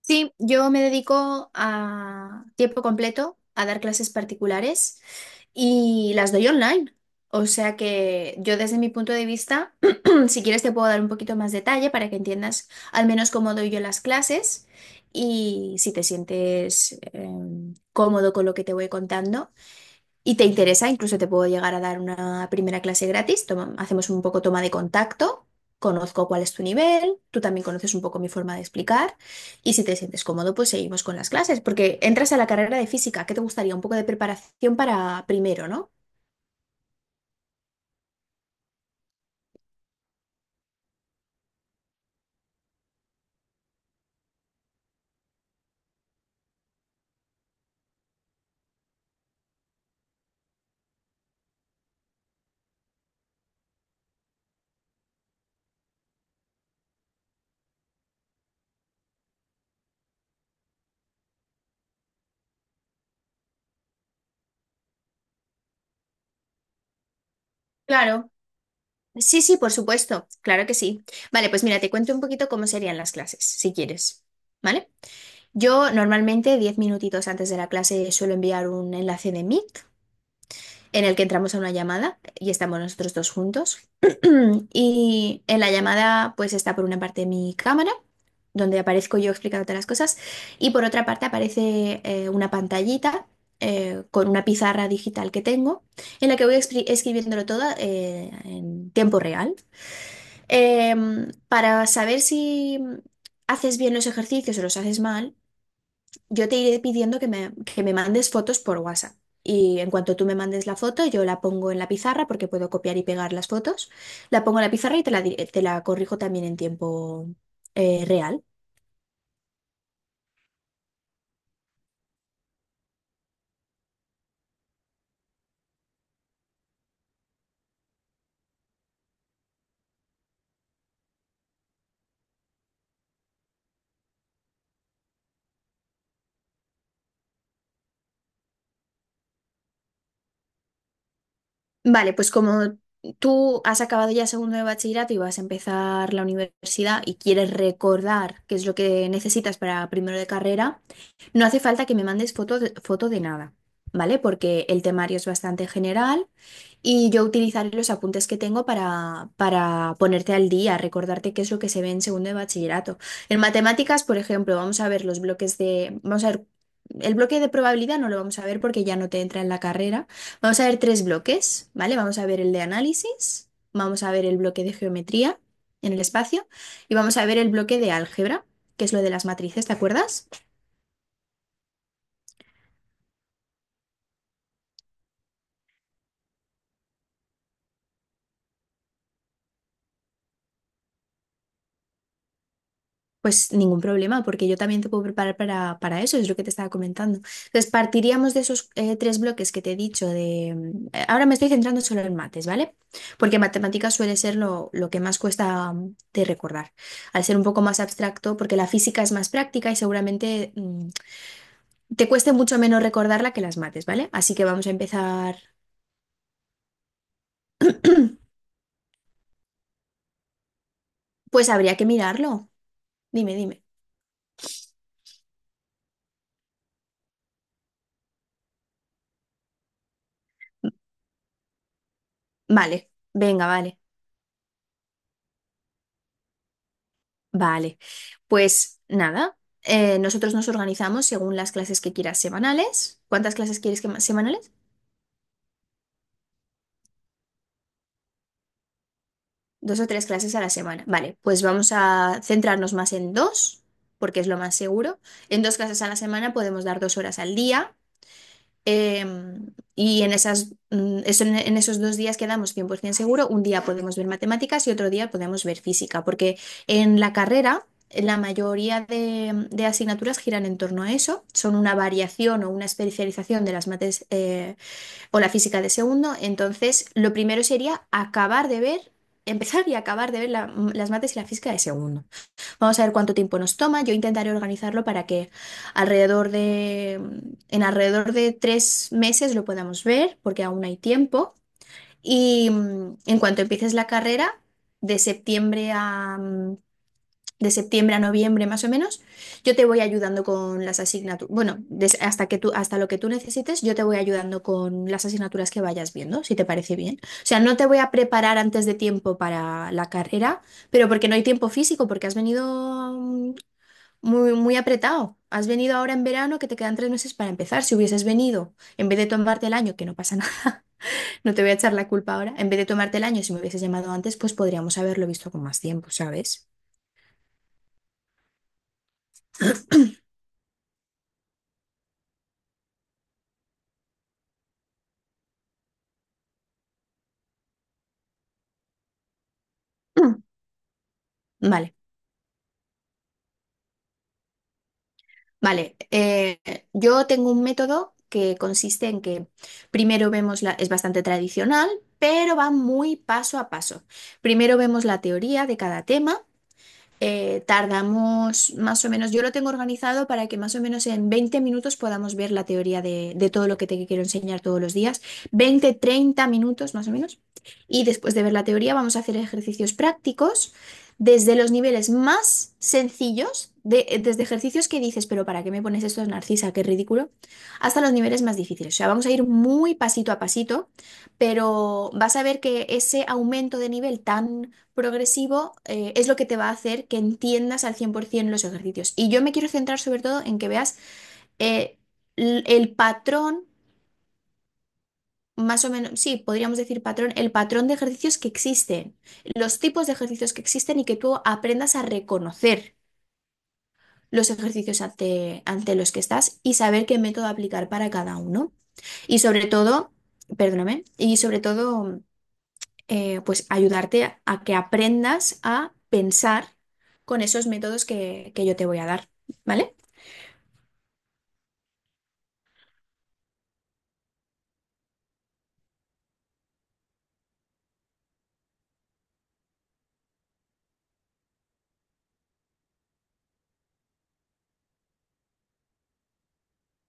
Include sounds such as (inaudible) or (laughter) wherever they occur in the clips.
Sí, yo me dedico a tiempo completo a dar clases particulares y las doy online. O sea que yo desde mi punto de vista, (clears throat) si quieres te puedo dar un poquito más detalle para que entiendas al menos cómo doy yo las clases y si te sientes cómodo con lo que te voy contando y te interesa, incluso te puedo llegar a dar una primera clase gratis. Hacemos un poco toma de contacto, conozco cuál es tu nivel, tú también conoces un poco mi forma de explicar y si te sientes cómodo, pues seguimos con las clases, porque entras a la carrera de física, ¿qué te gustaría? Un poco de preparación para primero, ¿no? Claro. Sí, sí, por supuesto, claro que sí. Vale, pues mira, te cuento un poquito cómo serían las clases, si quieres, ¿vale? Yo normalmente 10 minutitos antes de la clase suelo enviar un enlace de Meet en el que entramos a una llamada y estamos nosotros dos juntos. (clears throat) Y en la llamada pues está por una parte mi cámara, donde aparezco yo explicándote las cosas, y por otra parte aparece una pantallita con una pizarra digital que tengo, en la que voy escribiéndolo todo en tiempo real. Para saber si haces bien los ejercicios o los haces mal, yo te iré pidiendo que me mandes fotos por WhatsApp. Y en cuanto tú me mandes la foto, yo la pongo en la pizarra porque puedo copiar y pegar las fotos. La pongo en la pizarra y te la corrijo también en tiempo real. Vale, pues como tú has acabado ya segundo de bachillerato y vas a empezar la universidad y quieres recordar qué es lo que necesitas para primero de carrera, no hace falta que me mandes foto de nada, ¿vale? Porque el temario es bastante general. Y yo utilizaré los apuntes que tengo para ponerte al día, recordarte qué es lo que se ve en segundo de bachillerato. En matemáticas, por ejemplo, vamos a ver los bloques de... Vamos a ver, el bloque de probabilidad no lo vamos a ver porque ya no te entra en la carrera. Vamos a ver tres bloques, ¿vale? Vamos a ver el de análisis, vamos a ver el bloque de geometría en el espacio y vamos a ver el bloque de álgebra, que es lo de las matrices, ¿te acuerdas? Pues ningún problema, porque yo también te puedo preparar para eso, es lo que te estaba comentando. Entonces, partiríamos de esos tres bloques que te he dicho de... ahora me estoy centrando solo en mates, ¿vale? Porque matemáticas suele ser lo que más cuesta de recordar, al ser un poco más abstracto, porque la física es más práctica y seguramente te cueste mucho menos recordarla que las mates, ¿vale? Así que vamos a empezar... (clears throat) Pues habría que mirarlo. Dime, dime. Vale, venga, vale. Vale, pues nada, nosotros nos organizamos según las clases que quieras semanales. ¿Cuántas clases quieres que semanales? Dos o tres clases a la semana. Vale, pues vamos a centrarnos más en dos, porque es lo más seguro. En dos clases a la semana podemos dar dos horas al día. Em, y en en esos dos días quedamos 100% seguro. Un día podemos ver matemáticas y otro día podemos ver física, porque en la carrera la mayoría de asignaturas giran en torno a eso. Son una variación o una especialización de las mates o la física de segundo. Entonces, lo primero sería acabar de ver, empezar y acabar de ver las mates y la física de segundo. Vamos a ver cuánto tiempo nos toma. Yo intentaré organizarlo para que alrededor de, en alrededor de tres meses lo podamos ver, porque aún hay tiempo. Y en cuanto empieces la carrera, de septiembre a, mm, de septiembre a noviembre más o menos, yo te voy ayudando con las asignaturas. Bueno, hasta que tú, hasta lo que tú necesites, yo te voy ayudando con las asignaturas que vayas viendo, si te parece bien. O sea, no te voy a preparar antes de tiempo para la carrera. Pero porque no hay tiempo físico, porque has venido muy, muy apretado. Has venido ahora en verano que te quedan tres meses para empezar. Si hubieses venido, en vez de tomarte el año, que no pasa nada, (laughs) no te voy a echar la culpa ahora, en vez de tomarte el año, si me hubieses llamado antes, pues podríamos haberlo visto con más tiempo, ¿sabes? (clears throat) Mm. Vale, vale. Yo tengo un método que consiste en que primero vemos la, es bastante tradicional, pero va muy paso a paso. Primero vemos la teoría de cada tema. Tardamos más o menos, yo lo tengo organizado para que más o menos en 20 minutos podamos ver la teoría de todo lo que te quiero enseñar todos los días. 20, 30 minutos más o menos. Y después de ver la teoría vamos a hacer ejercicios prácticos desde los niveles más sencillos, desde ejercicios que dices, pero ¿para qué me pones esto, Narcisa? Qué ridículo, hasta los niveles más difíciles. O sea, vamos a ir muy pasito a pasito, pero vas a ver que ese aumento de nivel tan progresivo es lo que te va a hacer que entiendas al 100% los ejercicios. Y yo me quiero centrar sobre todo en que veas eh, el patrón, más o menos, sí, podríamos decir patrón, el patrón de ejercicios que existen, los tipos de ejercicios que existen y que tú aprendas a reconocer los ejercicios ante los que estás y saber qué método aplicar para cada uno. Y sobre todo, perdóname, y sobre todo pues ayudarte a que aprendas a pensar con esos métodos que yo te voy a dar, ¿vale?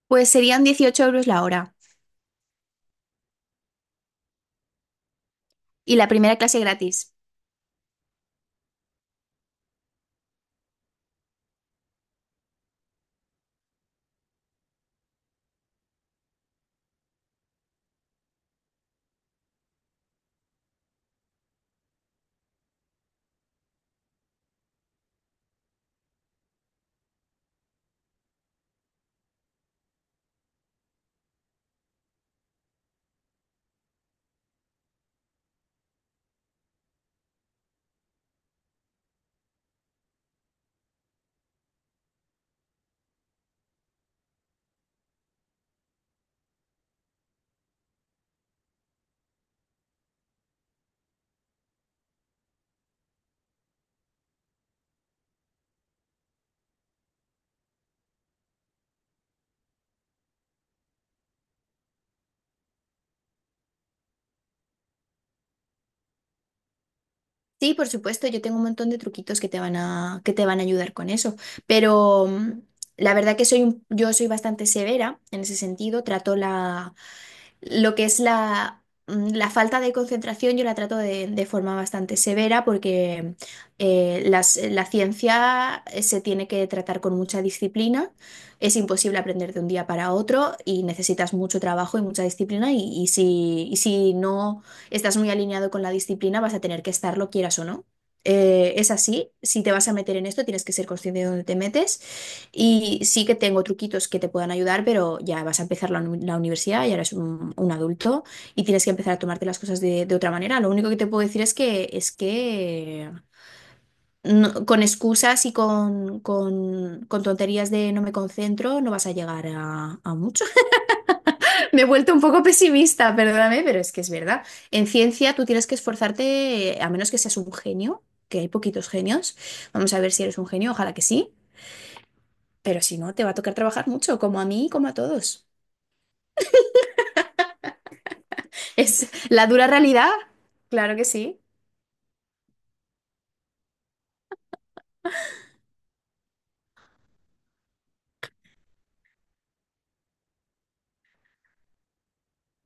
Pues serían 18 euros la hora y la primera clase gratis. Sí, por supuesto, yo tengo un montón de truquitos que te van que te van a ayudar con eso, pero la verdad que soy yo soy bastante severa en ese sentido, trato lo que es la falta de concentración yo la trato de forma bastante severa porque la ciencia se tiene que tratar con mucha disciplina. Es imposible aprender de un día para otro y necesitas mucho trabajo y mucha disciplina y si no estás muy alineado con la disciplina vas a tener que estarlo, quieras o no. Es así, si te vas a meter en esto tienes que ser consciente de dónde te metes. Y sí que tengo truquitos que te puedan ayudar, pero ya vas a empezar la universidad, ya eres un adulto y tienes que empezar a tomarte las cosas de otra manera. Lo único que te puedo decir es es que con excusas y con tonterías de no me concentro no vas a llegar a mucho. (laughs) Me he vuelto un poco pesimista, perdóname, pero es que es verdad. En ciencia tú tienes que esforzarte, a menos que seas un genio, que hay poquitos genios. Vamos a ver si eres un genio, ojalá que sí. Pero si no, te va a tocar trabajar mucho, como a mí y como a todos. Es la dura realidad. Claro que sí.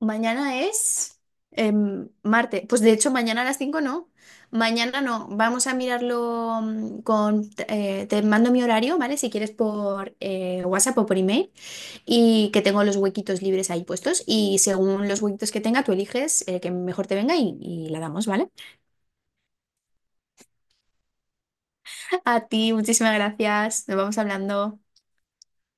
Mañana es Marte. Pues de hecho, mañana a las 5 no. Mañana no. Vamos a mirarlo con... te mando mi horario, ¿vale? Si quieres por WhatsApp o por email. Y que tengo los huequitos libres ahí puestos. Y según los huequitos que tenga, tú eliges el que mejor te venga y la damos, ¿vale? (laughs) A ti, muchísimas gracias. Nos vamos hablando.